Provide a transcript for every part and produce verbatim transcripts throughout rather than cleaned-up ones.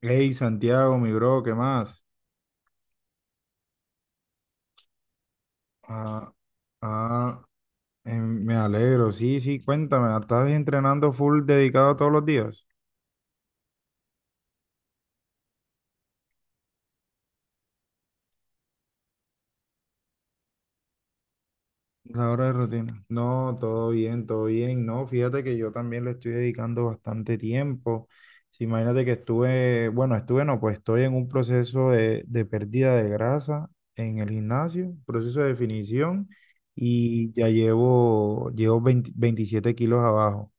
Hey, Santiago, mi bro, ¿qué más? Ah, ah, em, Me alegro, sí, sí, cuéntame, ¿estás entrenando full dedicado todos los días? La hora de rutina. No, todo bien, todo bien, no, fíjate que yo también le estoy dedicando bastante tiempo. Sí, imagínate que estuve, bueno, estuve, no, pues estoy en un proceso de, de pérdida de grasa en el gimnasio, proceso de definición, y ya llevo, llevo veinte veintisiete kilos abajo.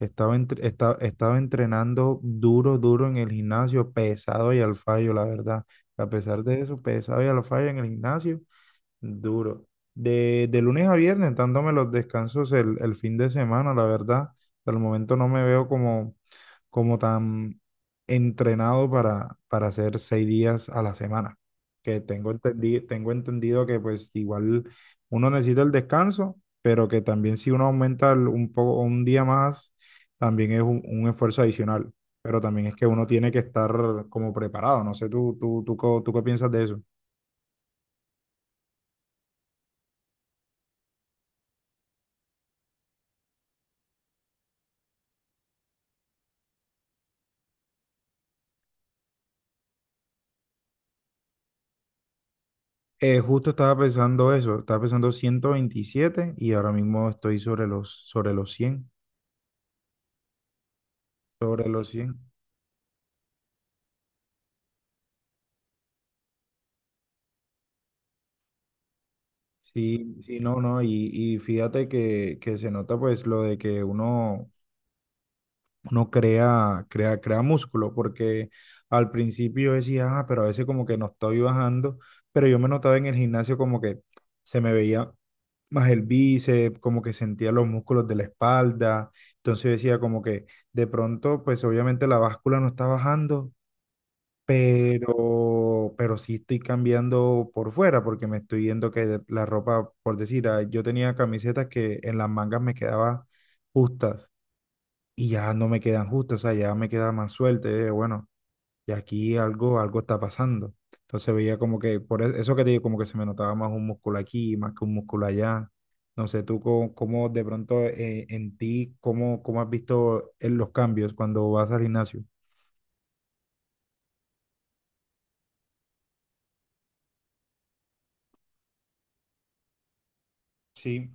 Estaba, entre- esta- estaba entrenando duro, duro en el gimnasio, pesado y al fallo, la verdad. A pesar de eso, pesado y al fallo en el gimnasio. Duro. De, de lunes a viernes, dándome los descansos el, el fin de semana, la verdad. Al momento no me veo como, como tan entrenado para, para hacer seis días a la semana. Que tengo entendido, tengo entendido que pues igual uno necesita el descanso, pero que también si uno aumenta el- un poco, un día más, también es un, un esfuerzo adicional. Pero también es que uno tiene que estar como preparado. No sé, tú, tú, tú, co- tú qué piensas de eso. Eh, justo estaba pensando eso, estaba pensando ciento veintisiete y ahora mismo estoy sobre los, sobre los cien sobre los cien Sí, sí, no, no, y, y fíjate que, que se nota pues lo de que uno, uno crea, crea, crea músculo, porque al principio yo decía, ah, pero a veces como que no estoy bajando, pero yo me notaba en el gimnasio como que se me veía más el bíceps, como que sentía los músculos de la espalda, entonces yo decía como que. De pronto, pues obviamente la báscula no está bajando, pero, pero sí estoy cambiando por fuera porque me estoy viendo que de- la ropa, por decir, ah, yo tenía camisetas que en las mangas me quedaban justas y ya no me quedan justas, o sea, ya me queda más suelta, eh, bueno, y aquí algo, algo está pasando. Entonces veía como que, por e- eso que te digo, como que se me notaba más un músculo aquí, más que un músculo allá. No sé, tú cómo, cómo de pronto eh, en ti, cómo, cómo has visto eh, los cambios cuando vas al gimnasio. Sí,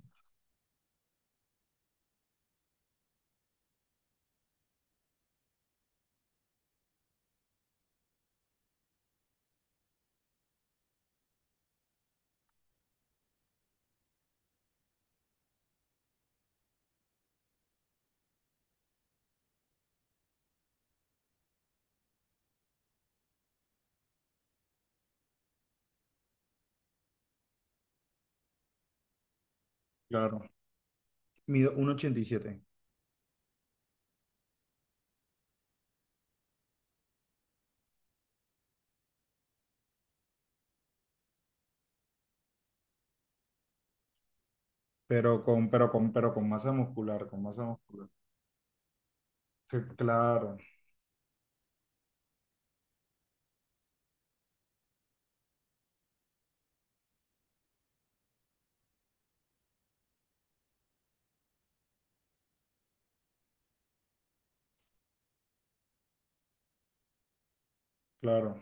claro. Mido uno ochenta y siete pero con, pero con, pero con masa muscular, con masa muscular. Que- Claro, claro.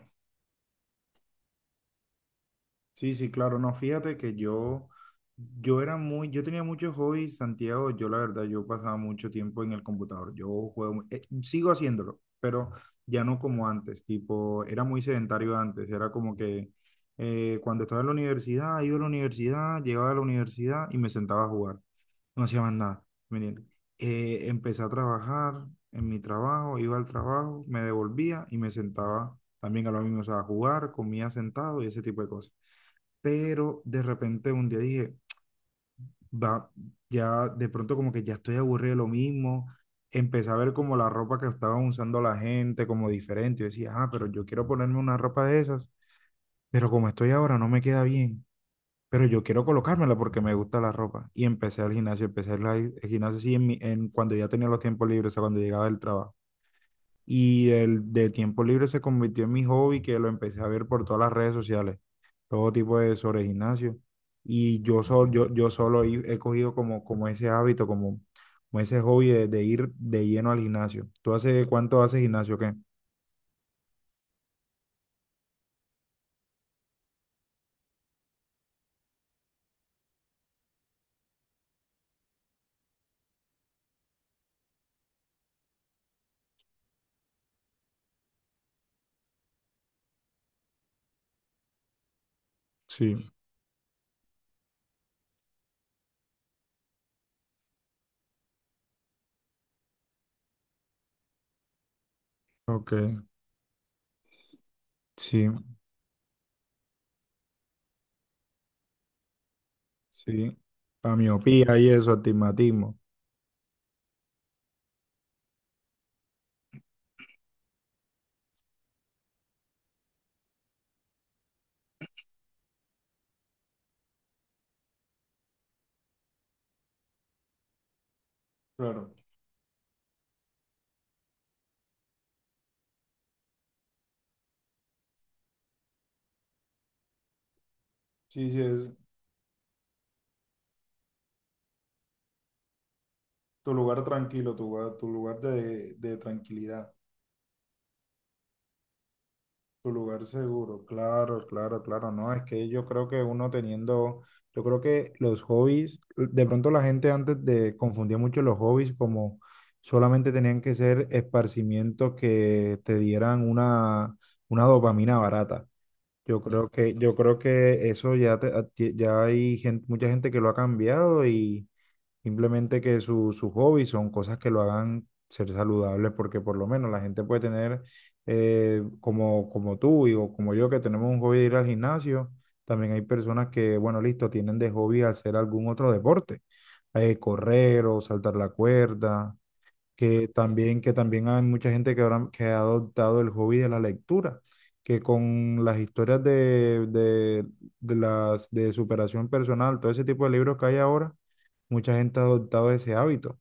Sí, sí, claro, no, fíjate que yo, yo era muy, yo tenía muchos hobbies, Santiago, yo la verdad, yo pasaba mucho tiempo en el computador, yo juego, mu- eh, sigo haciéndolo, pero ya no como antes, tipo, era muy sedentario antes, era como que eh, cuando estaba en la universidad, iba a la universidad, llegaba a la universidad y me sentaba a jugar, no hacía más nada, ¿me entiendes? Eh, empecé a trabajar en mi trabajo, iba al trabajo, me devolvía y me sentaba también a lo mismo, o sea, a jugar, comía sentado y ese tipo de cosas. Pero de repente un día dije, va, ya de pronto como que ya estoy aburrido de lo mismo, empecé a ver como la ropa que estaban usando la gente, como diferente, yo decía, ah, pero yo quiero ponerme una ropa de esas, pero como estoy ahora no me queda bien, pero yo quiero colocármela porque me gusta la ropa, y empecé al gimnasio, empecé al gimnasio, sí, en mi- en, cuando ya tenía los tiempos libres, o sea, cuando llegaba del trabajo. Y el de tiempo libre se convirtió en mi hobby, que lo empecé a ver por todas las redes sociales, todo tipo de sobre gimnasio. Y yo, sol- yo, yo solo he he cogido como, como ese hábito, como, como ese hobby de, de ir de lleno al gimnasio. ¿Tú hace cuánto haces gimnasio? ¿O qué? Sí, ok, sí, sí. La miopía y eso, astigmatismo. Claro, sí, sí, es tu lugar tranquilo, tu, lugar- tu lugar de, de tranquilidad. Tu lugar seguro, claro, claro, claro, no, es que yo creo que uno teniendo, yo creo que los hobbies, de pronto la gente antes de confundía mucho los hobbies como solamente tenían que ser esparcimientos que te dieran una, una dopamina barata. Yo creo que, yo creo que eso ya, te- a ti- ya hay gente, mucha gente que lo ha cambiado y simplemente que su, sus hobbies son cosas que lo hagan ser saludable, porque por lo menos la gente puede tener, eh, como, como tú y, o como yo, que tenemos un hobby de ir al gimnasio. También hay personas que, bueno, listo, tienen de hobby hacer algún otro deporte, eh, correr o saltar la cuerda, que también, que también hay mucha gente que, ahora, que ha adoptado el hobby de la lectura, que con las historias de, de, de las, de superación personal, todo ese tipo de libros que hay ahora mucha gente ha adoptado ese hábito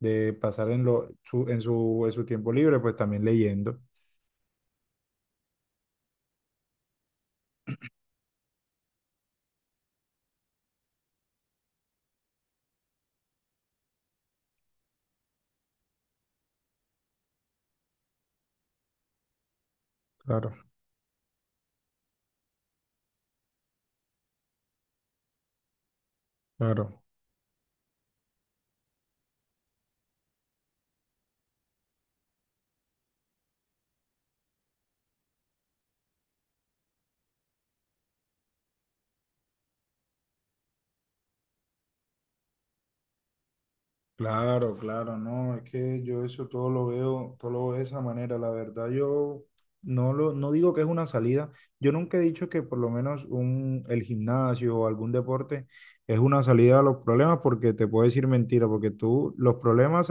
de pasar en, lo, su, en, su, en su tiempo libre, pues también leyendo. Claro, claro. Claro, claro, no, es que yo eso todo lo veo, todo lo veo de esa manera. La verdad, yo no lo, no digo que es una salida. Yo nunca he dicho que por lo menos un, el gimnasio o algún deporte es una salida a los problemas, porque te puedo decir mentira, porque tú, los problemas,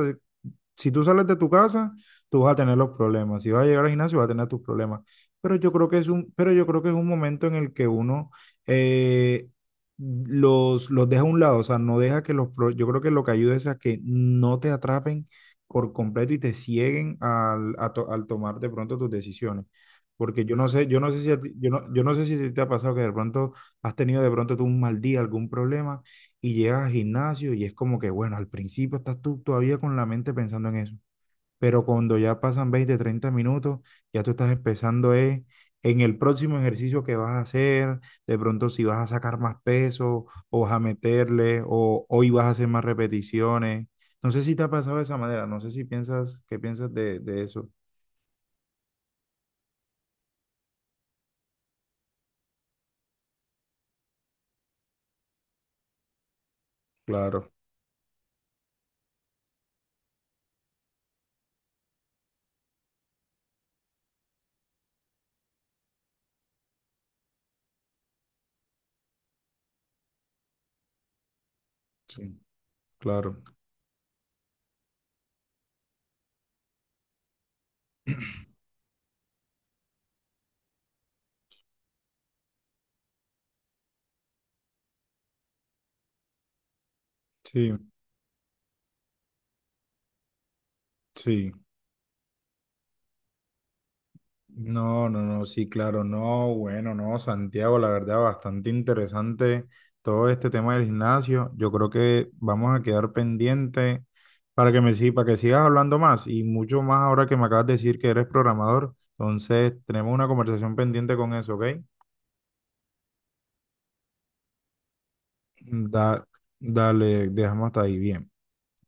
si tú sales de tu casa, tú vas a tener los problemas. Si vas a llegar al gimnasio, vas a tener tus problemas. Pero yo creo que es un, pero yo creo que es un momento en el que uno eh, los, los deja a un lado. O sea, no deja que los... pro- Yo creo que lo que ayuda es a que no te atrapen por completo y te cieguen al, a to- al tomar de pronto tus decisiones. Porque yo no sé, yo no sé si a ti- yo no, yo no sé si te, te ha pasado que de pronto has tenido de pronto tú un mal día, algún problema y llegas al gimnasio y es como que, bueno, al principio estás tú todavía con la mente pensando en eso, pero cuando ya pasan veinte treinta minutos, ya tú estás empezando eh, en el próximo ejercicio que vas a hacer, de pronto si vas a sacar más peso o vas a meterle o hoy vas a hacer más repeticiones. No sé si te ha pasado de esa manera, no sé si piensas, qué piensas de, de eso. Claro, sí, claro, sí, sí. No, no, no, sí, claro, no, bueno, no, Santiago, la verdad, bastante interesante todo este tema del gimnasio. Yo creo que vamos a quedar pendiente para que me sigas, para que sigas hablando más y mucho más ahora que me acabas de decir que eres programador. Entonces, tenemos una conversación pendiente con eso, ¿ok? Da- Dale, dejamos hasta ahí, bien.